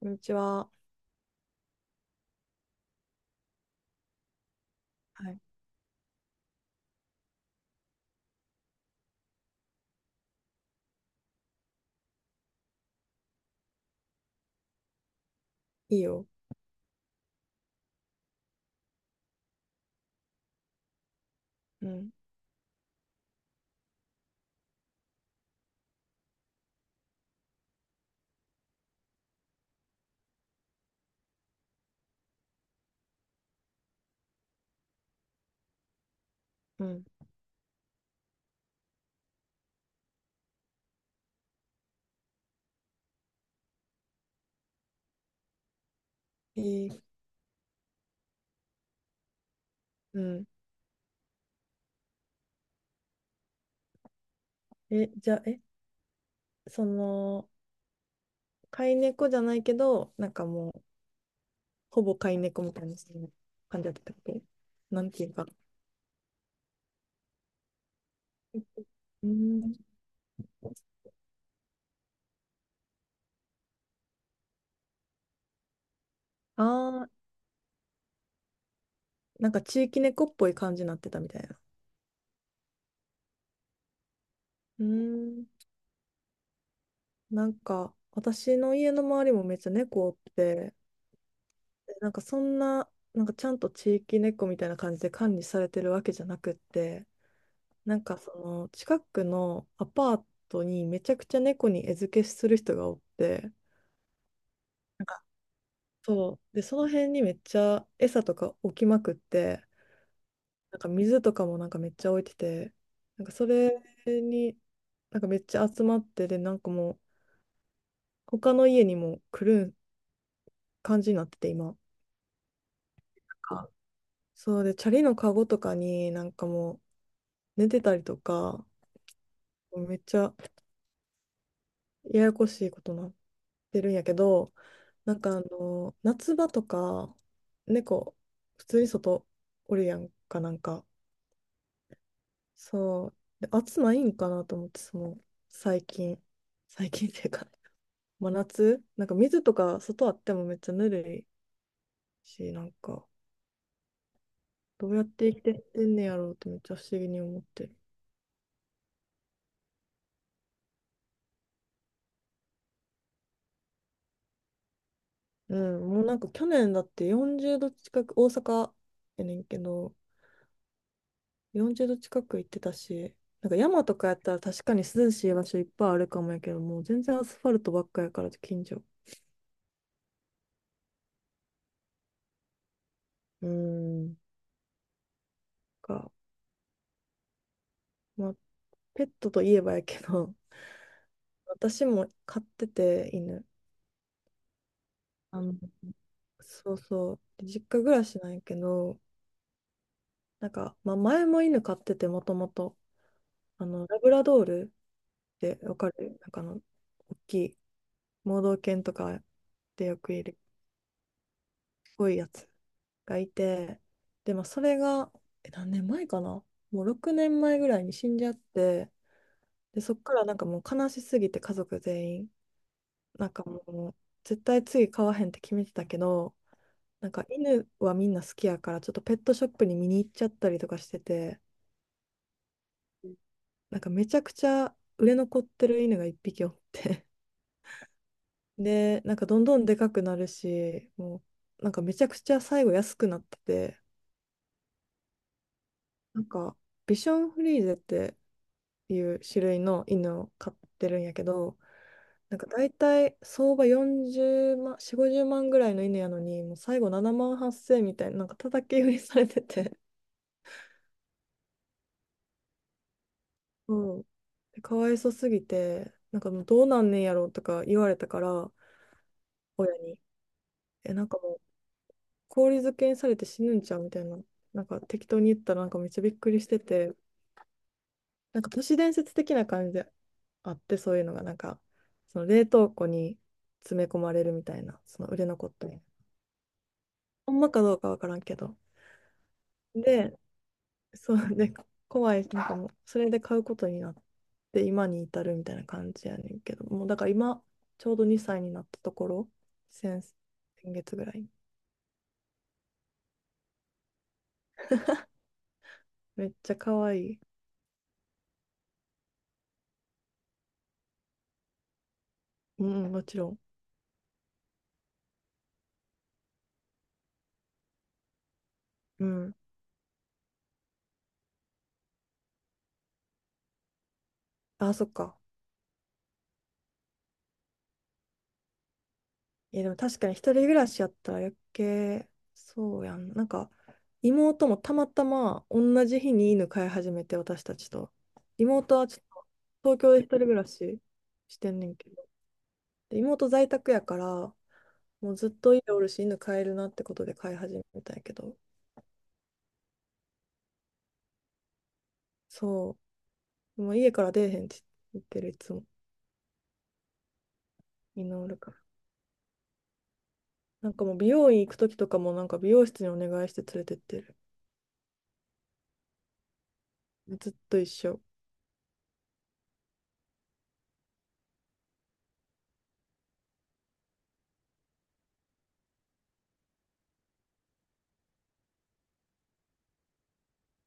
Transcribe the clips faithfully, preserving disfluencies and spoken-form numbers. こんにちは。はい。いいよ。うん。うん。えーうん。え、じゃあ、え、その、飼い猫じゃないけど、なんかもう、ほぼ飼い猫みたいな感じだったっけ、なんていうか。うん。ああ、なんか地域猫っぽい感じになってたみたいな。うん。なんか、私の家の周りもめっちゃ猫おって、でなんかそんな、なんかちゃんと地域猫みたいな感じで管理されてるわけじゃなくって、なんかその近くのアパートにめちゃくちゃ猫に餌付けする人がおって、なんか、そう。で、その辺にめっちゃ餌とか置きまくって、なんか水とかもなんかめっちゃ置いてて、なんかそれになんかめっちゃ集まって、で、なんかもう他の家にも来る感じになってて、今。かそうで、チャリのカゴとかになんかもう寝てたりとか、めっちゃややこしいことになってるんやけど、なんかあの、夏場とか、猫、普通に外おるやんか、なんか。そう。で、暑ないんかなと思って、その、最近。最近っていうか、真夏なんか水とか外あってもめっちゃぬるいし、なんか、どうやって生きてってんねやろうってめっちゃ不思議に思ってる。うん、もうなんか去年だってよんじゅうど近く、大阪やねんけど、よんじゅうど近く行ってたし、なんか山とかやったら確かに涼しい場所いっぱいあるかもやけど、もう全然アスファルトばっかやから、近所。うーん。か、まあ、ペットといえばやけど、私も飼ってて、犬。あの、そうそう。で実家暮らしなんやけど、なんか、まあ、前も犬飼ってて、もともと、あの、ラブラドールってわかる、なんかあの、大きい、盲導犬とかでよくいる、すごいやつ。がいて、で、まあ、それが、え何年前かな、もうろくねんまえぐらいに死んじゃって、で、そっからなんかもう悲しすぎて家族全員、なんかもう絶対次飼わへんって決めてたけど、なんか犬はみんな好きやから、ちょっとペットショップに見に行っちゃったりとかしてて、なんかめちゃくちゃ売れ残ってる犬がいっぴきおって、で、なんかどんどんでかくなるし、もうなんかめちゃくちゃ最後安くなってて、なんかビションフリーゼっていう種類の犬を飼ってるんやけど、なんか大体相場よんじゅうまん、よん、ごじゅうまんぐらいの犬やのに、もう最後ななまんはっせんみたいな、なんか叩き売りされてて、うん。でかわいそうすぎて、なんかもうどうなんねんやろとか言われたから、親に、え、なんかもう氷漬けにされて死ぬんちゃうみたいな、なんか適当に言ったらなんかめっちゃびっくりしてて、なんか都市伝説的な感じであって、そういうのが、なんか、その冷凍庫に詰め込まれるみたいな、その売れ残った。ほんまかどうかわからんけど。で、そうで、怖い、なんかもう、それで買うことになって、今に至るみたいな感じやねんけど、もうだから今、ちょうどにさいになったところ、先、先月ぐらい。めっちゃ可愛い。うん、もちろん。うん。あ、そっか。いや、でも確かに一人暮らしやったら余計、そうやん。なんか、妹もたまたま同じ日に犬飼い始めて、私たちと。妹はちょっと東京で一人暮らししてんねんけど。で、妹在宅やから、もうずっと家おるし、犬飼えるなってことで飼い始めたんやけど、そう、もう家から出えへんって言ってる、いつも。みんなおるから。なんかもう美容院行くときとかも、なんか美容室にお願いして連れてってる。ずっと一緒。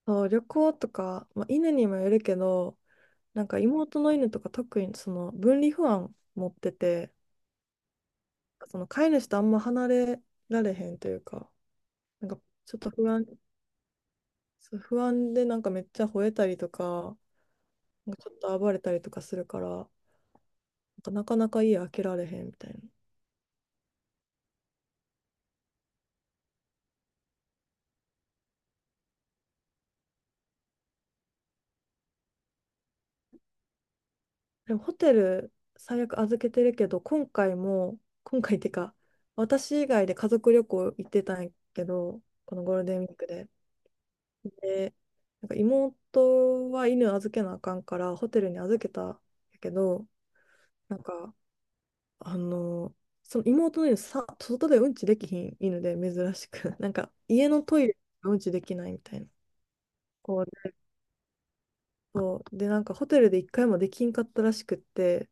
そう、旅行とか、まあ、犬にもよるけど、なんか妹の犬とか特にその分離不安持ってて、その飼い主とあんま離れられへんというか、なんかちょっと不安、そう不安でなんかめっちゃ吠えたりとか、なんかちょっと暴れたりとかするから、なんかなかなか家開けられへんみたいな。でもホテル最悪預けてるけど、今回も、今回っていうか、私以外で家族旅行行ってたんやけど、このゴールデンウィークで。で、なんか妹は犬預けなあかんから、ホテルに預けたんやけど、なんか、あの、その妹の犬さ、外でうんちできひん犬で珍しく、なんか家のトイレでうんちできないみたいな。こうね、そう。で、なんかホテルで一回もできんかったらしくって、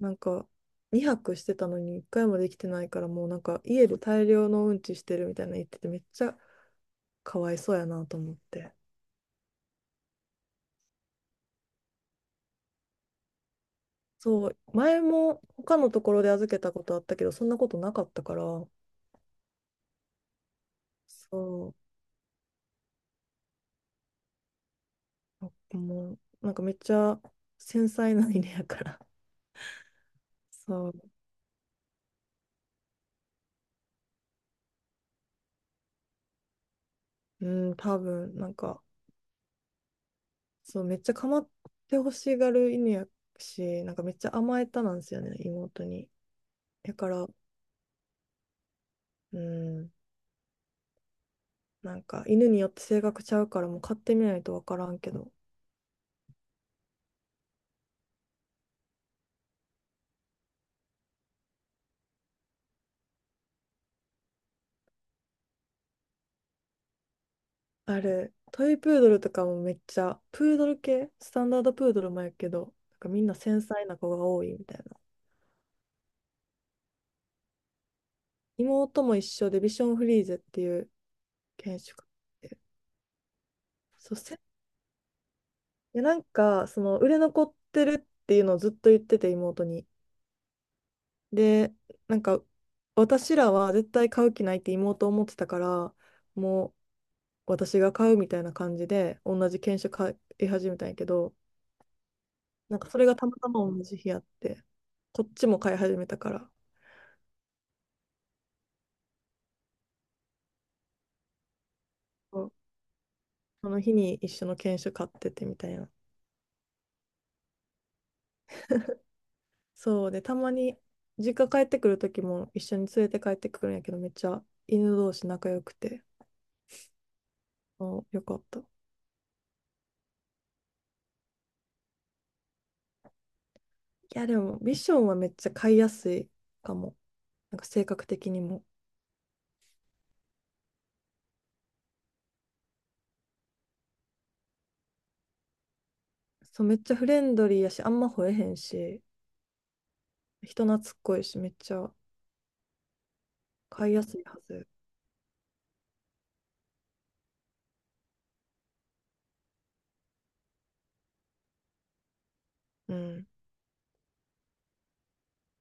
なんかにはくしてたのに一回もできてないから、もうなんか家で大量のうんちしてるみたいなの言ってて、めっちゃかわいそうやなと思って。そう。前も他のところで預けたことあったけど、そんなことなかったから、そう。もう、なんかめっちゃ繊細な犬やから。そう。うん、多分、なんか、そう、めっちゃ構ってほしがる犬やし、なんかめっちゃ甘えたなんですよね、妹に。だから、うん、なんか犬によって性格ちゃうからもう飼ってみないとわからんけど。あれ、トイプードルとかもめっちゃ、プードル系、スタンダードプードルもやけど、なんかみんな繊細な子が多いみたいな。妹も一緒でビションフリーゼっていう犬種があって、そう、せ、いや、なんか、その売れ残ってるっていうのをずっと言ってて妹に。で、なんか私らは絶対買う気ないって妹思ってたから、もう、私が買うみたいな感じで、同じ犬種買い始めたんやけど、なんかそれがたまたま同じ日あって、こっちも買い始めたから、そう、その日に一緒の犬種買っててみたいな。そうで、たまに実家帰ってくる時も一緒に連れて帰ってくるんやけど、めっちゃ犬同士仲良くて、そう、よかった。いや、でもビションはめっちゃ飼いやすいかも。なんか性格的にも。そう、めっちゃフレンドリーやし、あんま吠えへんし、人懐っこいし、めっちゃ飼いやすいはず。うん